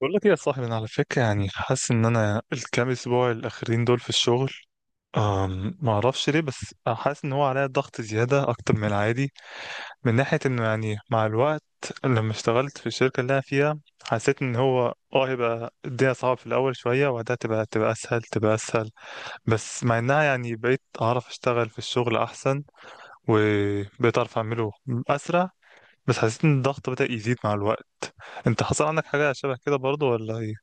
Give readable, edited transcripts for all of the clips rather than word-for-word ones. بقول لك ايه يا صاحبي؟ انا على فكره يعني حاسس ان انا الكام اسبوع الاخرين دول في الشغل. ما اعرفش ليه بس حاسس ان هو عليا ضغط زياده اكتر من العادي، من ناحيه انه يعني مع الوقت. لما اشتغلت في الشركه اللي انا فيها حسيت ان هو هيبقى الدنيا صعبه في الاول شويه، وبعدها تبقى اسهل تبقى اسهل. بس مع انها يعني بقيت اعرف اشتغل في الشغل احسن، وبقيت اعرف اعمله اسرع. بس حسيت ان الضغط بدأ يزيد مع الوقت. انت حصل عندك حاجه شبه كده برضو ولا ايه؟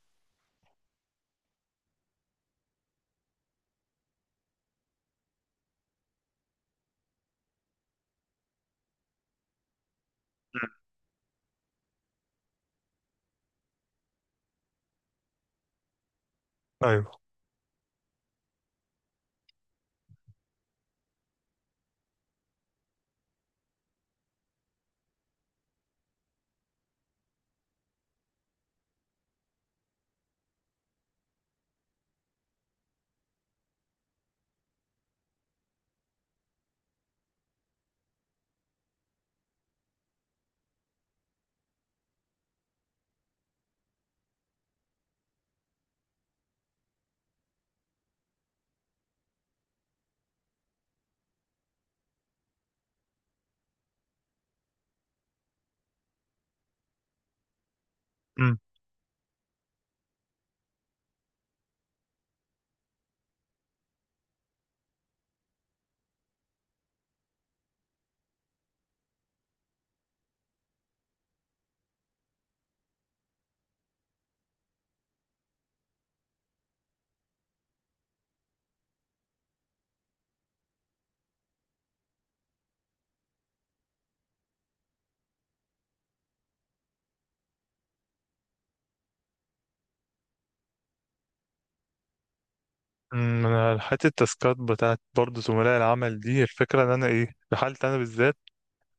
ايوه. أمم. انا حته التاسكات بتاعت برضه زملاء العمل دي، الفكره ان انا ايه، في حالتي انا بالذات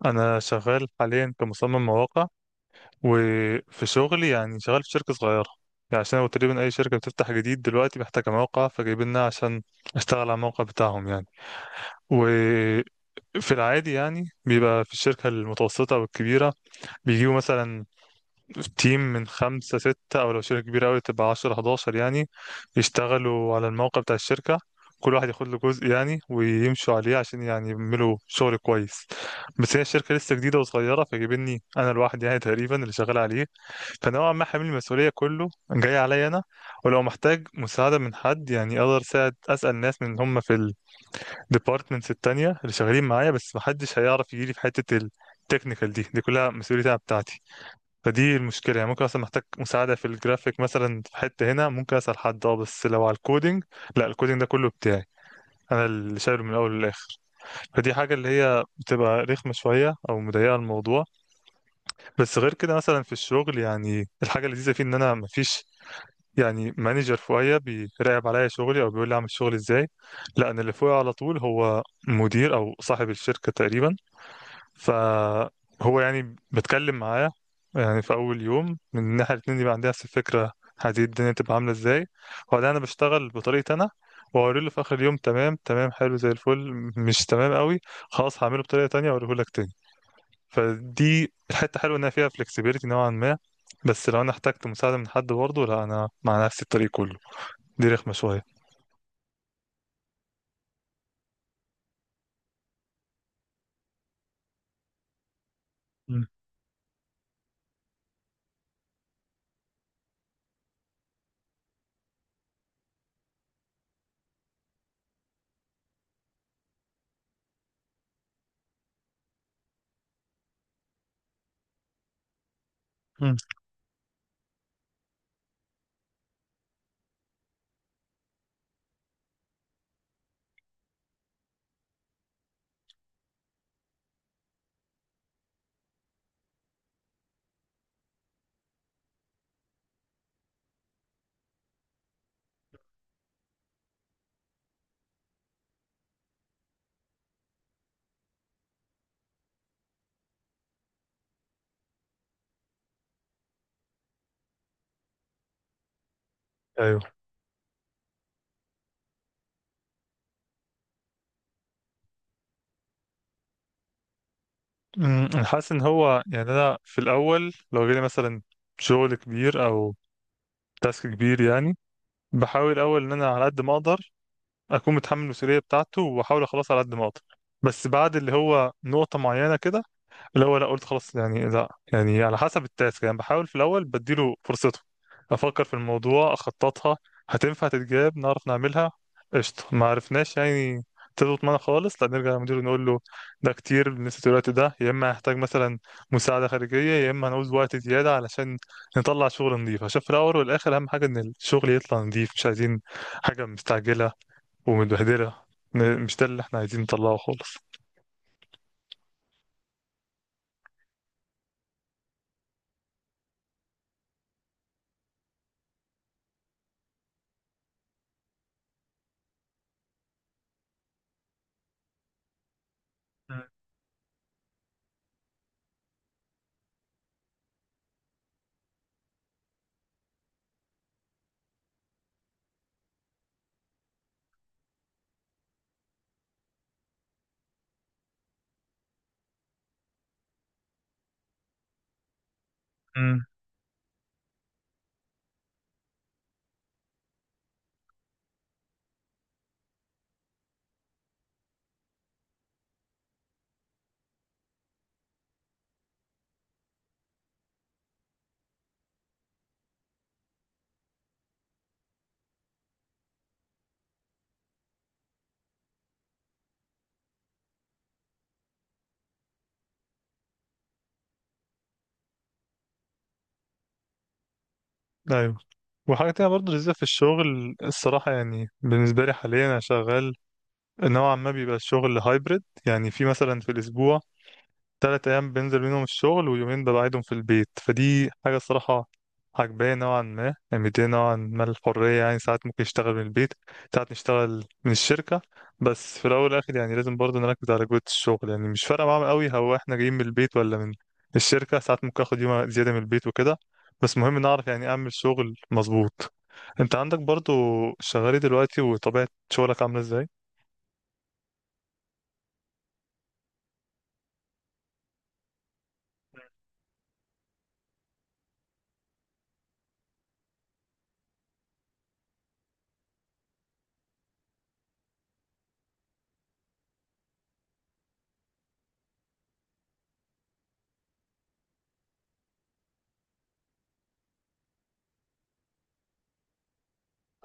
انا شغال حاليا كمصمم مواقع. وفي شغلي يعني شغال في شركه صغيره، يعني عشان هو تقريبا اي شركه بتفتح جديد دلوقتي محتاجه موقع، فجايبيننا عشان اشتغل على الموقع بتاعهم يعني. وفي العادي يعني بيبقى في الشركه المتوسطه والكبيره بيجيبوا مثلا تيم من خمسة ستة، أو لو شركة كبيرة أوي تبقى 10 11 يعني، يشتغلوا على الموقع بتاع الشركة، كل واحد ياخد له جزء يعني ويمشوا عليه عشان يعني يعملوا شغل كويس. بس هي الشركة لسه جديدة وصغيرة فجايبيني أنا لوحدي يعني تقريبا اللي شغال عليه، فنوعا ما حامل المسؤولية كله جاي عليا أنا. ولو محتاج مساعدة من حد يعني أقدر أساعد أسأل ناس من هم في الديبارتمنتس التانية اللي شغالين معايا، بس محدش هيعرف يجيلي في حتة التكنيكال، دي كلها مسؤوليتها بتاعتي. فدي المشكلة يعني، ممكن أصلا محتاج مساعدة في الجرافيك مثلا في حتة هنا ممكن أسأل حد اه، بس لو على الكودينج لا الكودينج ده كله بتاعي، أنا اللي شايله من الأول للآخر. فدي حاجة اللي هي بتبقى رخمة شوية أو مضيقة الموضوع. بس غير كده مثلا في الشغل يعني الحاجة اللذيذة فيه إن أنا مفيش يعني مانجر فوقيا بيراقب عليا شغلي أو بيقول لي أعمل شغلي إزاي، لا أنا اللي فوقي على طول هو مدير أو صاحب الشركة تقريبا. فهو يعني بتكلم معاه يعني في أول يوم من إن احنا الاتنين يبقى عندنا نفس الفكرة، هذه الدنيا تبقى عاملة ازاي، وبعدين أنا بشتغل بطريقتي أنا وأوريله في آخر اليوم. تمام تمام حلو زي الفل، مش تمام قوي خلاص هعمله بطريقة تانية وأوريهولك تاني. فدي الحتة حلوة إن فيها flexibility نوعا ما. بس لو أنا احتجت مساعدة من حد برضه، لا أنا مع نفسي الطريق كله، دي رخمة شوية. مم. مم. ايوه. مم. انا حاسس ان هو يعني انا في الاول لو جالي مثلا شغل كبير او تاسك كبير يعني بحاول اول ان انا على قد ما اقدر اكون متحمل المسؤوليه بتاعته، واحاول اخلصها على قد ما اقدر. بس بعد اللي هو نقطه معينه كده، الأول لا قلت خلاص يعني لا، يعني على حسب التاسك يعني بحاول في الأول بديله فرصته أفكر في الموضوع أخططها، هتنفع تتجاب نعرف نعملها قشطة، ما عرفناش يعني تظبط معانا خالص لا نرجع للمدير نقول له ده كتير بالنسبة للوقت ده، يا إما هحتاج مثلا مساعدة خارجية يا إما هنعوز وقت زيادة علشان نطلع شغل نظيف، عشان في الأول والآخر أهم حاجة إن الشغل يطلع نظيف، مش عايزين حاجة مستعجلة ومتبهدلة. مش ده اللي إحنا عايزين نطلعه خالص. أمم. أيوه. وحاجة تانية برضه لذيذة في الشغل الصراحة، يعني بالنسبة لي حاليا أنا شغال نوعا ما بيبقى الشغل هايبرد، يعني في مثلا في الأسبوع 3 أيام بنزل منهم الشغل ويومين ببعدهم في البيت. فدي حاجة الصراحة عجباني نوعا ما، مدية نوعا ما الحرية، يعني ساعات ممكن نشتغل من البيت ساعات نشتغل من الشركة. بس في الأول والآخر يعني لازم برضه نركز على جودة الشغل، يعني مش فارقة معاهم قوي هو احنا جايين من البيت ولا من الشركة، ساعات ممكن آخد يوم زيادة من البيت وكده، بس مهم نعرف يعني أعمل شغل مظبوط. أنت عندك برضه شغال إيه دلوقتي وطبيعة شغلك عاملة إزاي؟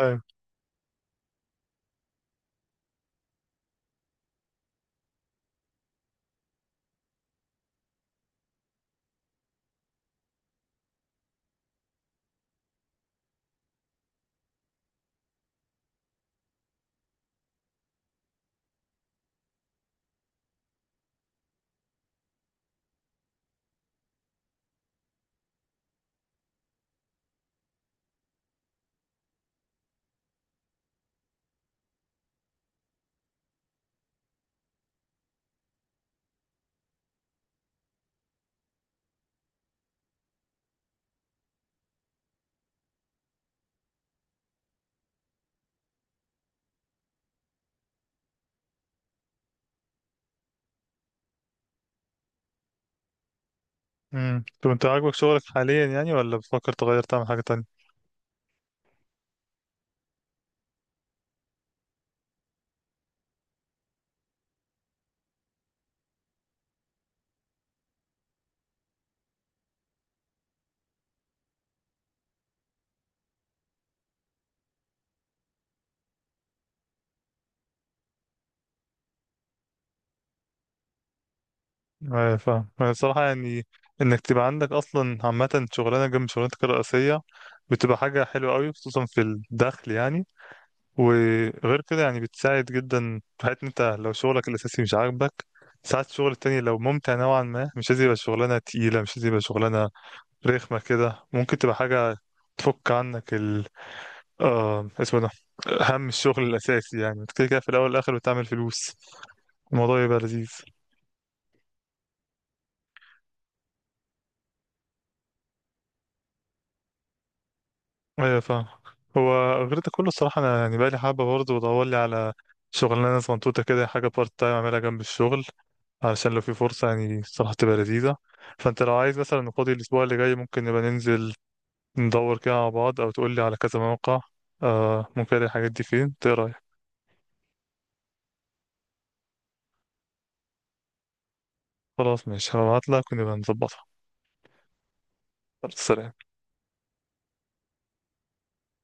أيوة. امم، طب أنت عاجبك شغلك حاليا يعني ولا بتفكر تغير تعمل حاجة تانية؟ فاهم يعني، الصراحة يعني إنك تبقى عندك أصلا عامة شغلانة جنب شغلانتك الرئيسية بتبقى حاجة حلوة أوي خصوصا في الدخل يعني. وغير كده يعني بتساعد جدا في حياتك، أنت لو شغلك الأساسي مش عاجبك ساعات الشغل التاني لو ممتع نوعا ما، مش لازم يبقى شغلانة تقيلة مش لازم يبقى شغلانة رخمة كده، ممكن تبقى حاجة تفك عنك ال اسمه ده، هم الشغل الأساسي. يعني أنت كده كده في الأول والآخر بتعمل فلوس، الموضوع يبقى لذيذ. ايوه فاهم. هو غير ده كله الصراحه انا يعني بقالي حابه برضه بدور لي على شغلانه صنطوطه كده، حاجه بارت تايم اعملها جنب الشغل علشان لو في فرصه يعني الصراحه تبقى لذيذه. فانت لو عايز مثلا فاضي الاسبوع اللي جاي ممكن نبقى ننزل ندور كده مع بعض، او تقول لي على كذا موقع آه ممكن الاقي الحاجات دي فين. إنت ايه رايك؟ خلاص ماشي، هبعت لك ونبقى نظبطها. خلاص، سلام.